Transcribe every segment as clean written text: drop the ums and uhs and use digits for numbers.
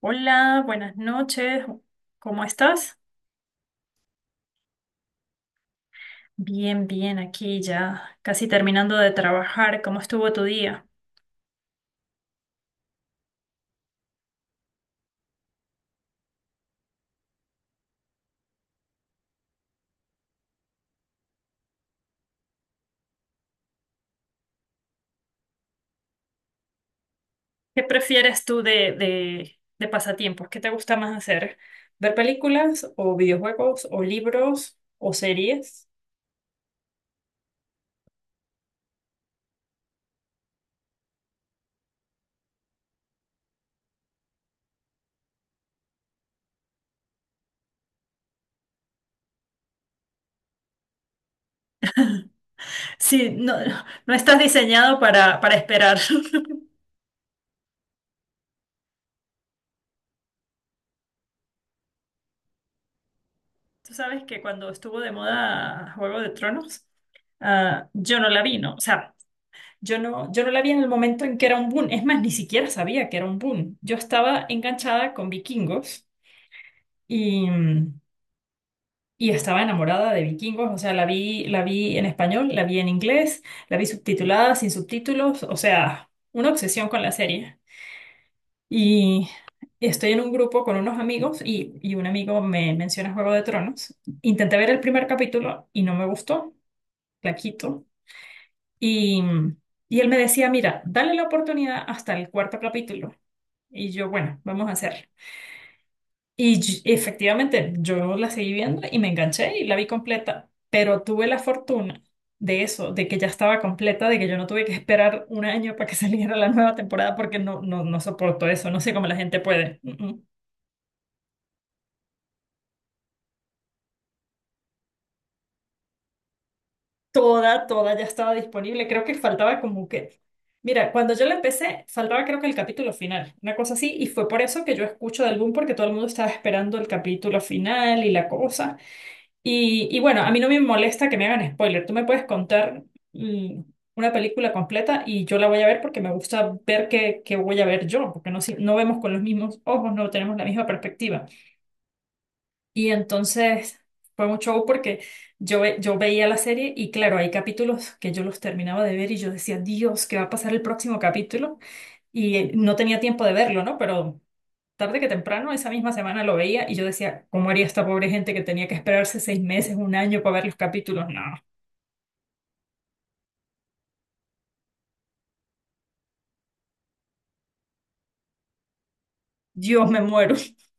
Hola, buenas noches. ¿Cómo estás? Bien, bien, aquí ya casi terminando de trabajar. ¿Cómo estuvo tu día? ¿Qué prefieres tú de pasatiempos? ¿Qué te gusta más hacer? ¿Ver películas o videojuegos o libros o series? Sí, no, no estás diseñado para esperar. Tú sabes que cuando estuvo de moda Juego de Tronos, yo no la vi, ¿no? O sea, yo no la vi en el momento en que era un boom. Es más, ni siquiera sabía que era un boom. Yo estaba enganchada con Vikingos y, y estaba enamorada de Vikingos. O sea, la vi en español, la vi en inglés, la vi subtitulada, sin subtítulos. O sea, una obsesión con la serie. Y estoy en un grupo con unos amigos y un amigo me menciona Juego de Tronos. Intenté ver el primer capítulo y no me gustó. La quito. Y, y él me decía, mira, dale la oportunidad hasta el cuarto capítulo. Y yo, bueno, vamos a hacerlo. Efectivamente, yo la seguí viendo y me enganché y la vi completa, pero tuve la fortuna de eso, de que ya estaba completa, de que yo no tuve que esperar un año para que saliera la nueva temporada porque no soporto eso, no sé cómo la gente puede. Mm. Toda, toda ya estaba disponible, creo que faltaba como que... Mira, cuando yo la empecé, faltaba creo que el capítulo final, una cosa así, y fue por eso que yo escucho de algún porque todo el mundo estaba esperando el capítulo final y la cosa. Y bueno, a mí no me molesta que me hagan spoiler. Tú me puedes contar mm, una película completa y yo la voy a ver porque me gusta ver qué voy a ver yo, porque no, no vemos con los mismos ojos, no tenemos la misma perspectiva. Y entonces fue un show porque yo veía la serie y claro, hay capítulos que yo los terminaba de ver y yo decía, Dios, ¿qué va a pasar el próximo capítulo? Y no tenía tiempo de verlo, ¿no? Pero tarde que temprano, esa misma semana lo veía y yo decía, ¿cómo haría esta pobre gente que tenía que esperarse seis meses, un año para ver los capítulos? No, Dios, me muero.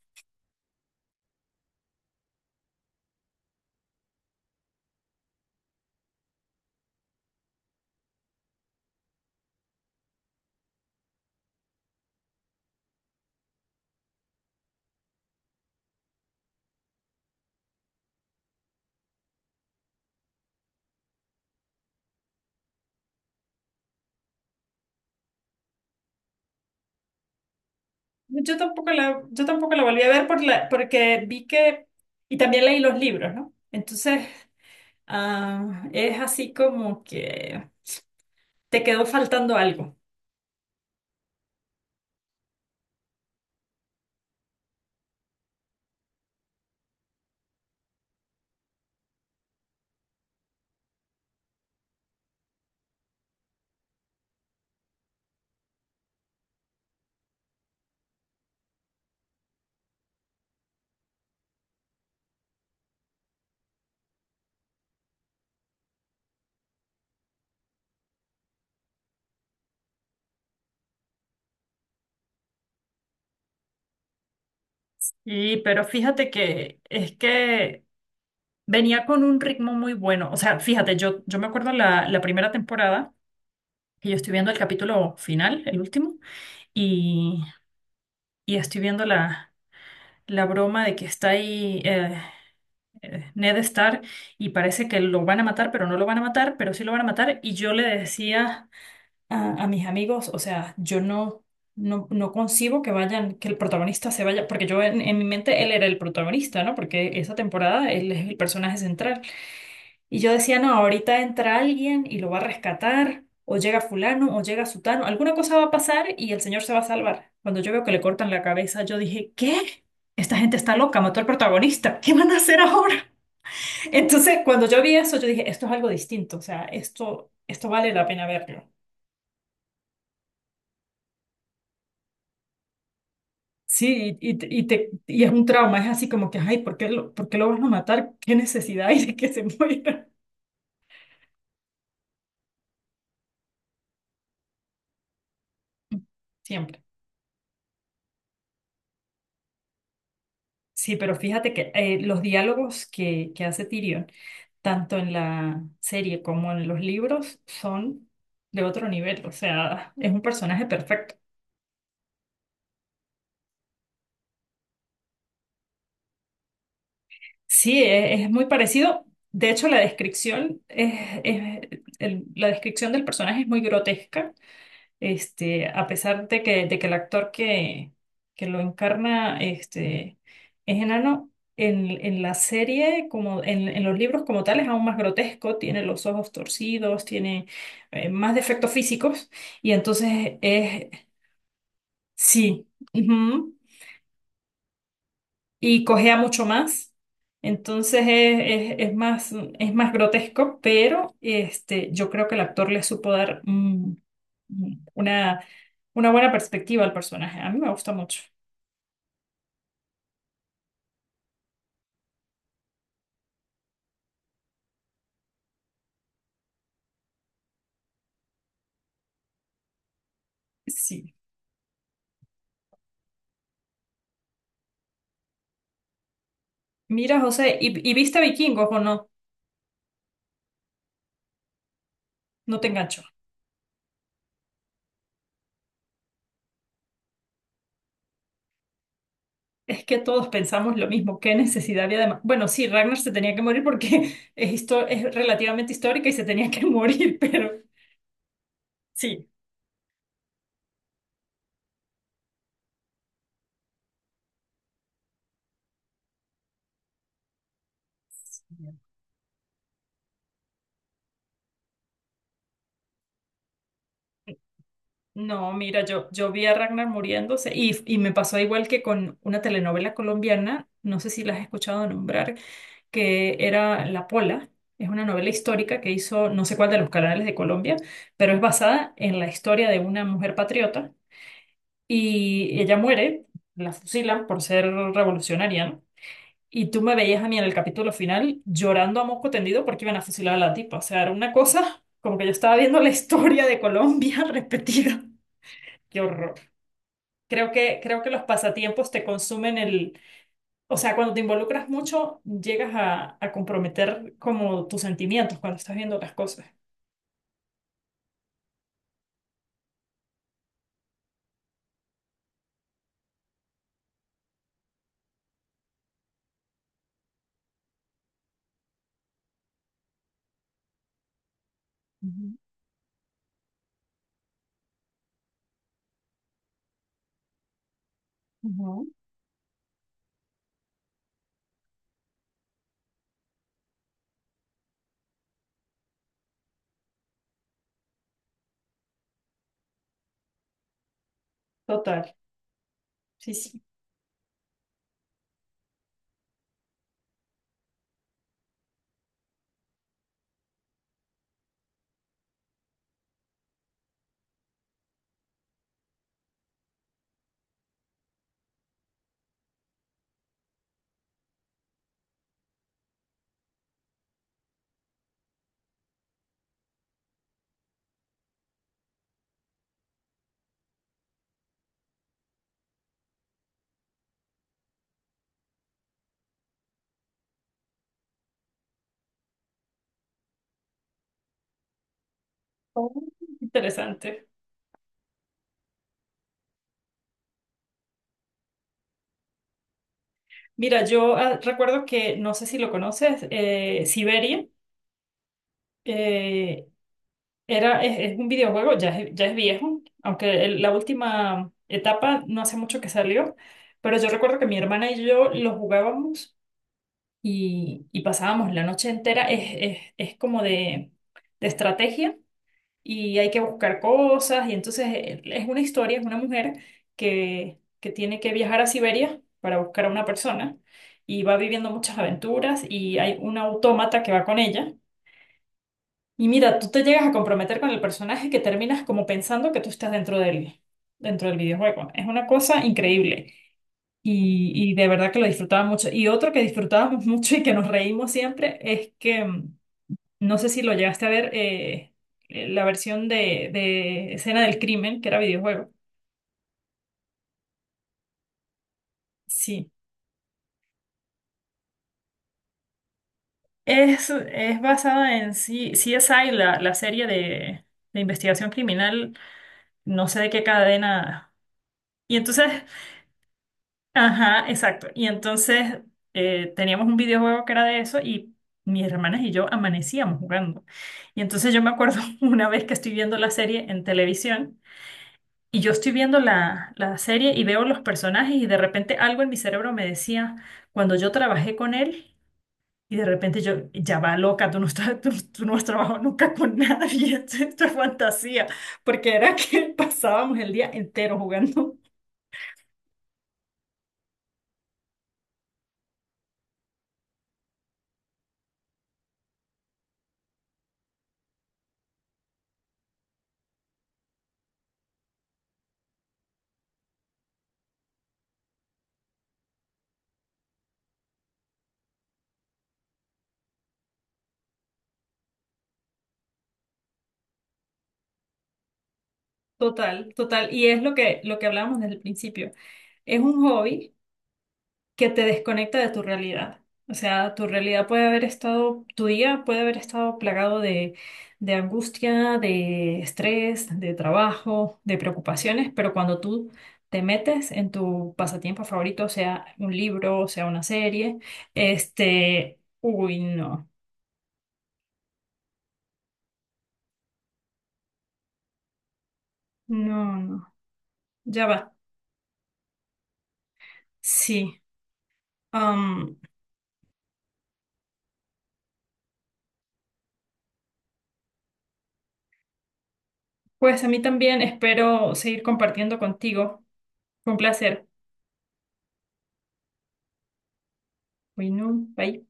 Yo tampoco la volví a ver por porque vi que, y también leí los libros, ¿no? Entonces, ah, es así como que te quedó faltando algo. Y, pero fíjate que es que venía con un ritmo muy bueno. O sea, fíjate, yo me acuerdo la primera temporada, que yo estoy viendo el capítulo final, el último. Y estoy viendo la broma de que está ahí Ned Stark y parece que lo van a matar, pero no lo van a matar, pero sí lo van a matar. Y yo le decía a mis amigos, o sea, yo no, no, no concibo que vayan, que el protagonista se vaya, porque yo en mi mente él era el protagonista, ¿no? Porque esa temporada él es el personaje central. Y yo decía, no, ahorita entra alguien y lo va a rescatar, o llega fulano, o llega sutano, alguna cosa va a pasar y el señor se va a salvar. Cuando yo veo que le cortan la cabeza, yo dije, ¿qué? Esta gente está loca, mató al protagonista, ¿qué van a hacer ahora? Entonces, cuando yo vi eso, yo dije, esto es algo distinto, o sea, esto vale la pena verlo. Sí, y es un trauma, es así como que, ay, ¿por qué lo van a matar? ¿Qué necesidad hay de que se muera? Siempre. Sí, pero fíjate que los diálogos que hace Tyrion tanto en la serie como en los libros, son de otro nivel. O sea, es un personaje perfecto. Sí, es muy parecido. De hecho, es- la descripción del personaje es muy grotesca. Este, a pesar de que el actor que lo encarna este, es enano, en la serie, como en los libros como tal, es aún más grotesco. Tiene los ojos torcidos, tiene más defectos físicos. Y sí, ujú. Y cojea mucho más. Entonces es, es- es más, es más grotesco, pero este, yo creo que el actor le supo dar mm, una, una buena perspectiva al personaje. A mí me gusta mucho. Sí. Mira, José, y viste Vikingos o no? No te engancho. Es que todos pensamos lo mismo. ¿Qué necesidad había de bueno, sí, Ragnar se tenía que morir porque es, es relativamente histórica y se tenía que morir, pero sí. No, mira, yo vi a Ragnar muriéndose y me pasó igual que con una telenovela colombiana, no sé si la has escuchado nombrar, que era La Pola. Es una novela histórica que hizo no sé cuál de los canales de Colombia, pero es basada en la historia de una mujer patriota y ella muere, la fusilan por ser revolucionaria, ¿no? Y tú me veías a mí en el capítulo final llorando a moco tendido porque iban a fusilar a la tipa. O sea, era una cosa como que yo estaba viendo la historia de Colombia repetida. Qué horror. Creo que los pasatiempos te consumen el, o sea, cuando te involucras mucho, llegas a comprometer como tus sentimientos cuando estás viendo las cosas. Ujú, ujú. Total. Sí, sí. Oh, interesante. Mira, yo recuerdo que, no sé si lo conoces, Siberia eh, es un videojuego, ya es viejo, aunque la última etapa no hace mucho que salió, pero yo recuerdo que mi hermana y yo lo jugábamos y pasábamos la noche entera, es como de estrategia y hay que buscar cosas y entonces es una historia, es una mujer que tiene que viajar a Siberia para buscar a una persona y va viviendo muchas aventuras y hay un autómata que va con ella y mira, tú te llegas a comprometer con el personaje que terminas como pensando que tú estás dentro dentro del videojuego. Es una cosa increíble. Y de verdad que lo disfrutaba mucho. Y otro que disfrutábamos mucho y que nos reímos siempre es que, no sé si lo llegaste a ver, la versión de Escena del Crimen, que era videojuego. Sí. Es basada en CSI, la serie de investigación criminal, no sé de qué cadena. Y entonces ajá, exacto. Y entonces teníamos un videojuego que era de eso y mis hermanas y yo amanecíamos jugando. Y entonces yo me acuerdo una vez que estoy viendo la serie en televisión y yo estoy viendo la serie y veo los personajes y de repente algo en mi cerebro me decía, cuando yo trabajé con él, y de repente yo, ya va loca, tú no has trabajado nunca con nadie, esto es fantasía, porque era que pasábamos el día entero jugando. Total, total. Y es lo que hablábamos desde el principio. Es un hobby que te desconecta de tu realidad. O sea, tu realidad puede haber estado, tu día puede haber estado plagado de angustia, de estrés, de trabajo, de preocupaciones, pero cuando tú te metes en tu pasatiempo favorito, sea un libro, sea una serie, este, uy, no, no, no, ya va, sí. Am, pues a mí también espero seguir compartiendo contigo. Fue un placer. Uy, no, bye.